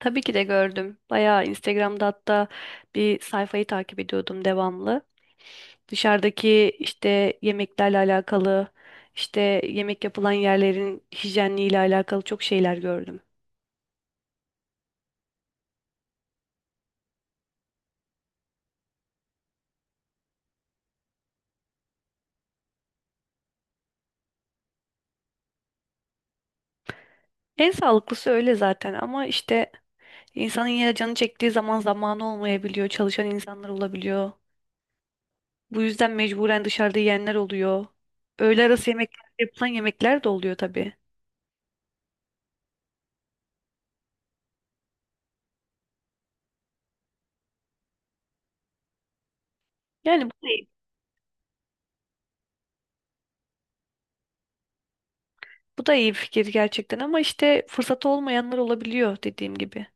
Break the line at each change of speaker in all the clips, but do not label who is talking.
Tabii ki de gördüm. Bayağı Instagram'da hatta bir sayfayı takip ediyordum devamlı. Dışarıdaki işte yemeklerle alakalı, işte yemek yapılan yerlerin hijyenliğiyle alakalı çok şeyler gördüm. En sağlıklısı öyle zaten ama işte insanın yine canı çektiği zaman zamanı olmayabiliyor. Çalışan insanlar olabiliyor. Bu yüzden mecburen dışarıda yiyenler oluyor. Öğle arası yemekler yapılan yemekler de oluyor tabii. Yani bu ne? Bu da iyi bir fikir gerçekten ama işte fırsatı olmayanlar olabiliyor dediğim gibi.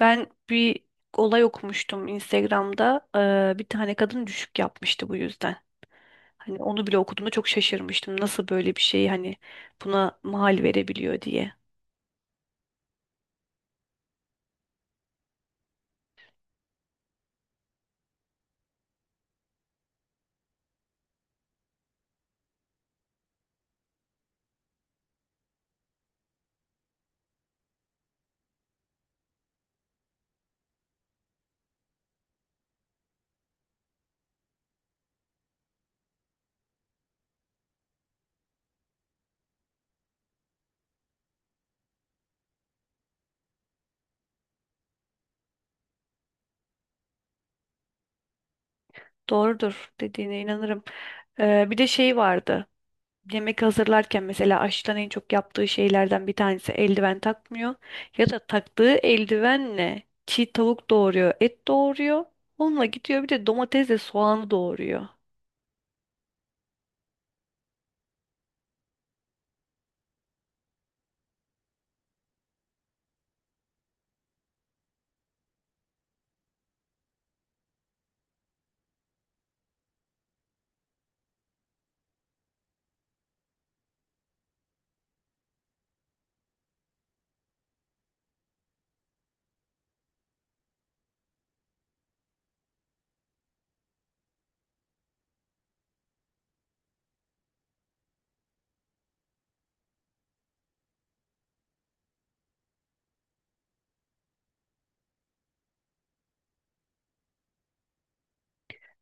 Ben bir olay okumuştum Instagram'da. Bir tane kadın düşük yapmıştı bu yüzden. Hani onu bile okuduğumda çok şaşırmıştım. Nasıl böyle bir şey hani buna mahal verebiliyor diye. Doğrudur dediğine inanırım. Bir de şey vardı. Yemek hazırlarken mesela aşçıların en çok yaptığı şeylerden bir tanesi eldiven takmıyor. Ya da taktığı eldivenle çiğ tavuk doğuruyor, et doğuruyor. Onunla gidiyor bir de domatesle soğanı doğuruyor.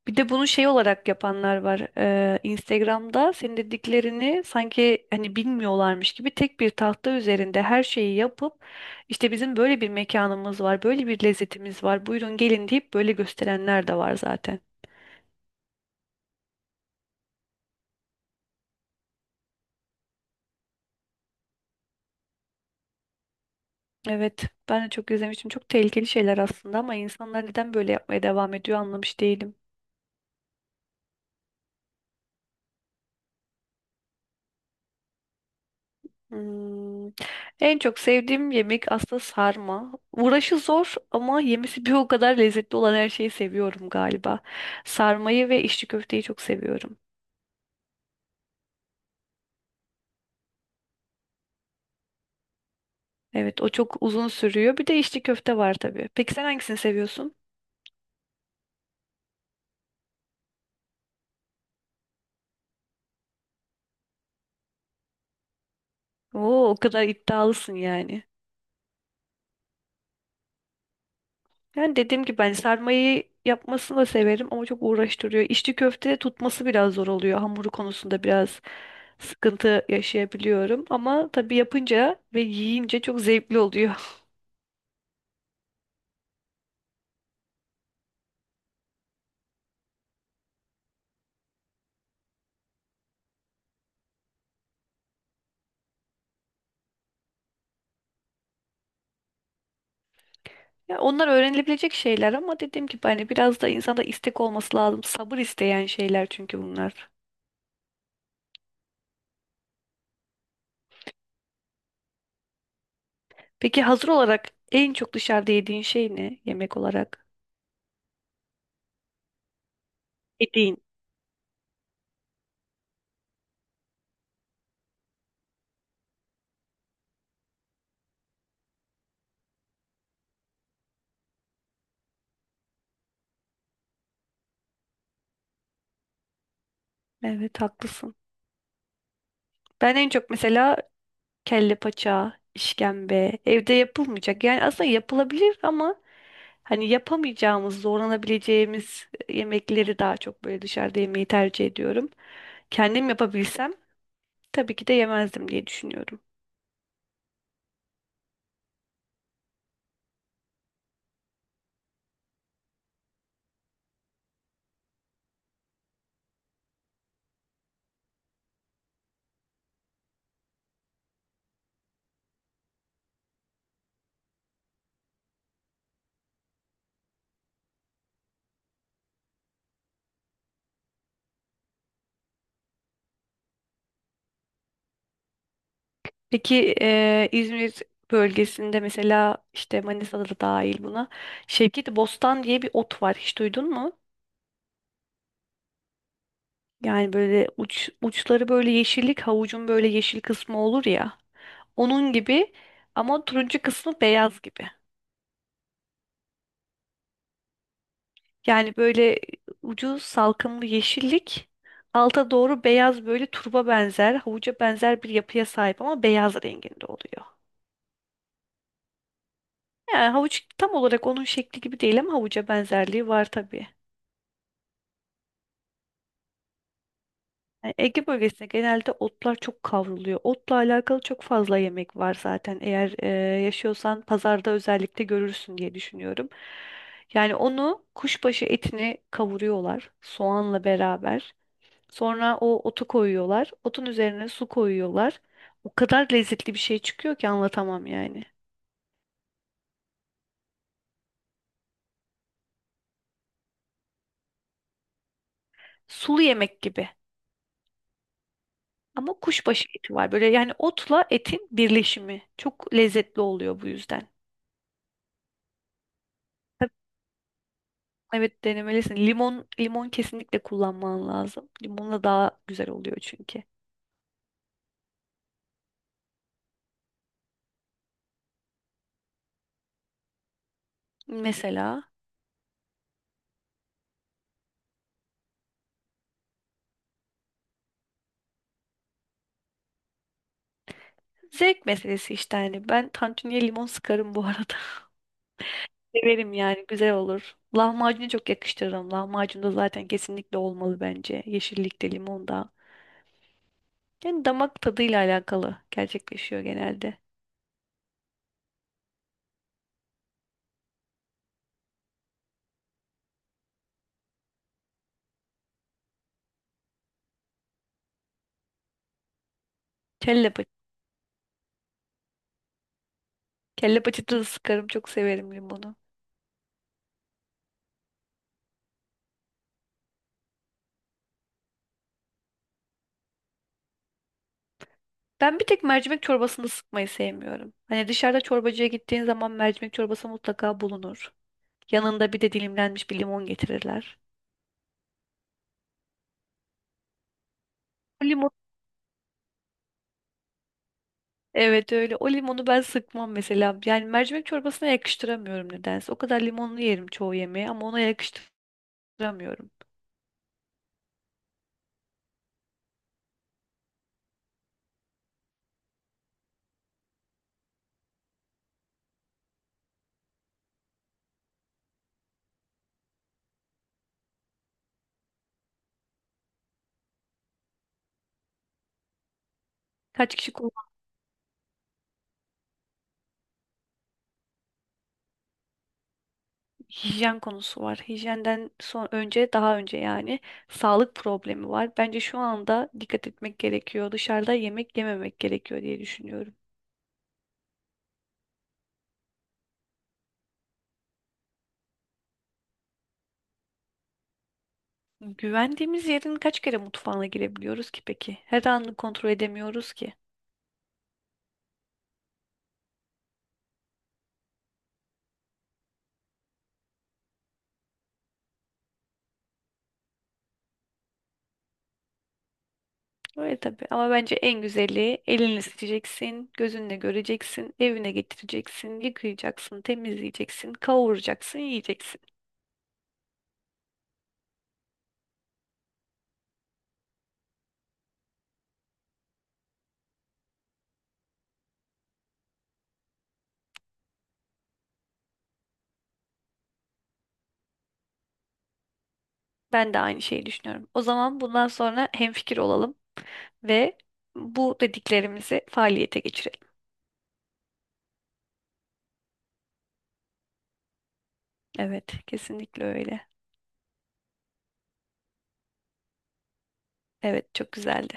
Bir de bunu şey olarak yapanlar var. Instagram'da senin dediklerini sanki hani bilmiyorlarmış gibi tek bir tahta üzerinde her şeyi yapıp işte bizim böyle bir mekanımız var, böyle bir lezzetimiz var. Buyurun gelin deyip böyle gösterenler de var zaten. Evet, ben de çok izlemiştim. Çok tehlikeli şeyler aslında ama insanlar neden böyle yapmaya devam ediyor anlamış değilim. Hmm. En çok sevdiğim yemek aslında sarma. Uğraşı zor ama yemesi bir o kadar lezzetli olan her şeyi seviyorum galiba. Sarmayı ve içli köfteyi çok seviyorum. Evet, o çok uzun sürüyor. Bir de içli köfte var tabii. Peki sen hangisini seviyorsun? Oo, o kadar iddialısın yani. Yani dediğim gibi ben sarmayı yapmasını da severim ama çok uğraştırıyor. İçli köfte tutması biraz zor oluyor. Hamuru konusunda biraz sıkıntı yaşayabiliyorum. Ama tabii yapınca ve yiyince çok zevkli oluyor. Ya onlar öğrenilebilecek şeyler ama dediğim gibi hani biraz da insanda istek olması lazım. Sabır isteyen şeyler çünkü bunlar. Peki hazır olarak en çok dışarıda yediğin şey ne yemek olarak? Yediğin. Evet haklısın. Ben en çok mesela kelle paça, işkembe evde yapılmayacak. Yani aslında yapılabilir ama hani yapamayacağımız, zorlanabileceğimiz yemekleri daha çok böyle dışarıda yemeyi tercih ediyorum. Kendim yapabilsem tabii ki de yemezdim diye düşünüyorum. Peki İzmir bölgesinde mesela işte Manisa'da da dahil buna Şevketi Bostan diye bir ot var. Hiç duydun mu? Yani böyle uçları böyle yeşillik, havucun böyle yeşil kısmı olur ya. Onun gibi ama turuncu kısmı beyaz gibi. Yani böyle ucu salkımlı yeşillik, alta doğru beyaz böyle turba benzer, havuca benzer bir yapıya sahip ama beyaz renginde oluyor. Yani havuç tam olarak onun şekli gibi değil ama havuca benzerliği var tabii. Yani Ege bölgesinde genelde otlar çok kavruluyor. Otla alakalı çok fazla yemek var zaten. Eğer yaşıyorsan pazarda özellikle görürsün diye düşünüyorum. Yani onu kuşbaşı etini kavuruyorlar soğanla beraber. Sonra o otu koyuyorlar. Otun üzerine su koyuyorlar. O kadar lezzetli bir şey çıkıyor ki anlatamam yani. Sulu yemek gibi. Ama kuşbaşı eti var. Böyle yani otla etin birleşimi. Çok lezzetli oluyor bu yüzden. Tabii, evet denemelisin. Limon kesinlikle kullanman lazım. Limonla daha güzel oluyor çünkü. Mesela zevk meselesi işte hani ben tantuniye limon sıkarım bu arada. Severim yani güzel olur. Lahmacunu çok yakıştırırım. Lahmacun da zaten kesinlikle olmalı bence. Yeşillikte, limonda. Yani damak tadıyla alakalı gerçekleşiyor genelde. Kelle paça. Kelle paçada da sıkarım. Çok severim limonu. Ben bir tek mercimek çorbasını sıkmayı sevmiyorum. Hani dışarıda çorbacıya gittiğin zaman mercimek çorbası mutlaka bulunur. Yanında bir de dilimlenmiş bir limon getirirler. O limon evet öyle. O limonu ben sıkmam mesela. Yani mercimek çorbasına yakıştıramıyorum nedense. O kadar limonlu yerim çoğu yemeği ama ona yakıştıramıyorum. Hatırlamıyorum. Kaç kişi kullandı? Hijyen konusu var. Hijyenden son önce daha önce yani sağlık problemi var. Bence şu anda dikkat etmek gerekiyor. Dışarıda yemek yememek gerekiyor diye düşünüyorum. Güvendiğimiz yerin kaç kere mutfağına girebiliyoruz ki peki? Her anını kontrol edemiyoruz ki. Öyle tabii ama bence en güzeli elinle seçeceksin, gözünle göreceksin, evine getireceksin, yıkayacaksın, temizleyeceksin, kavuracaksın, yiyeceksin. Ben de aynı şeyi düşünüyorum. O zaman bundan sonra hemfikir olalım. Ve bu dediklerimizi faaliyete geçirelim. Evet, kesinlikle öyle. Evet, çok güzeldi.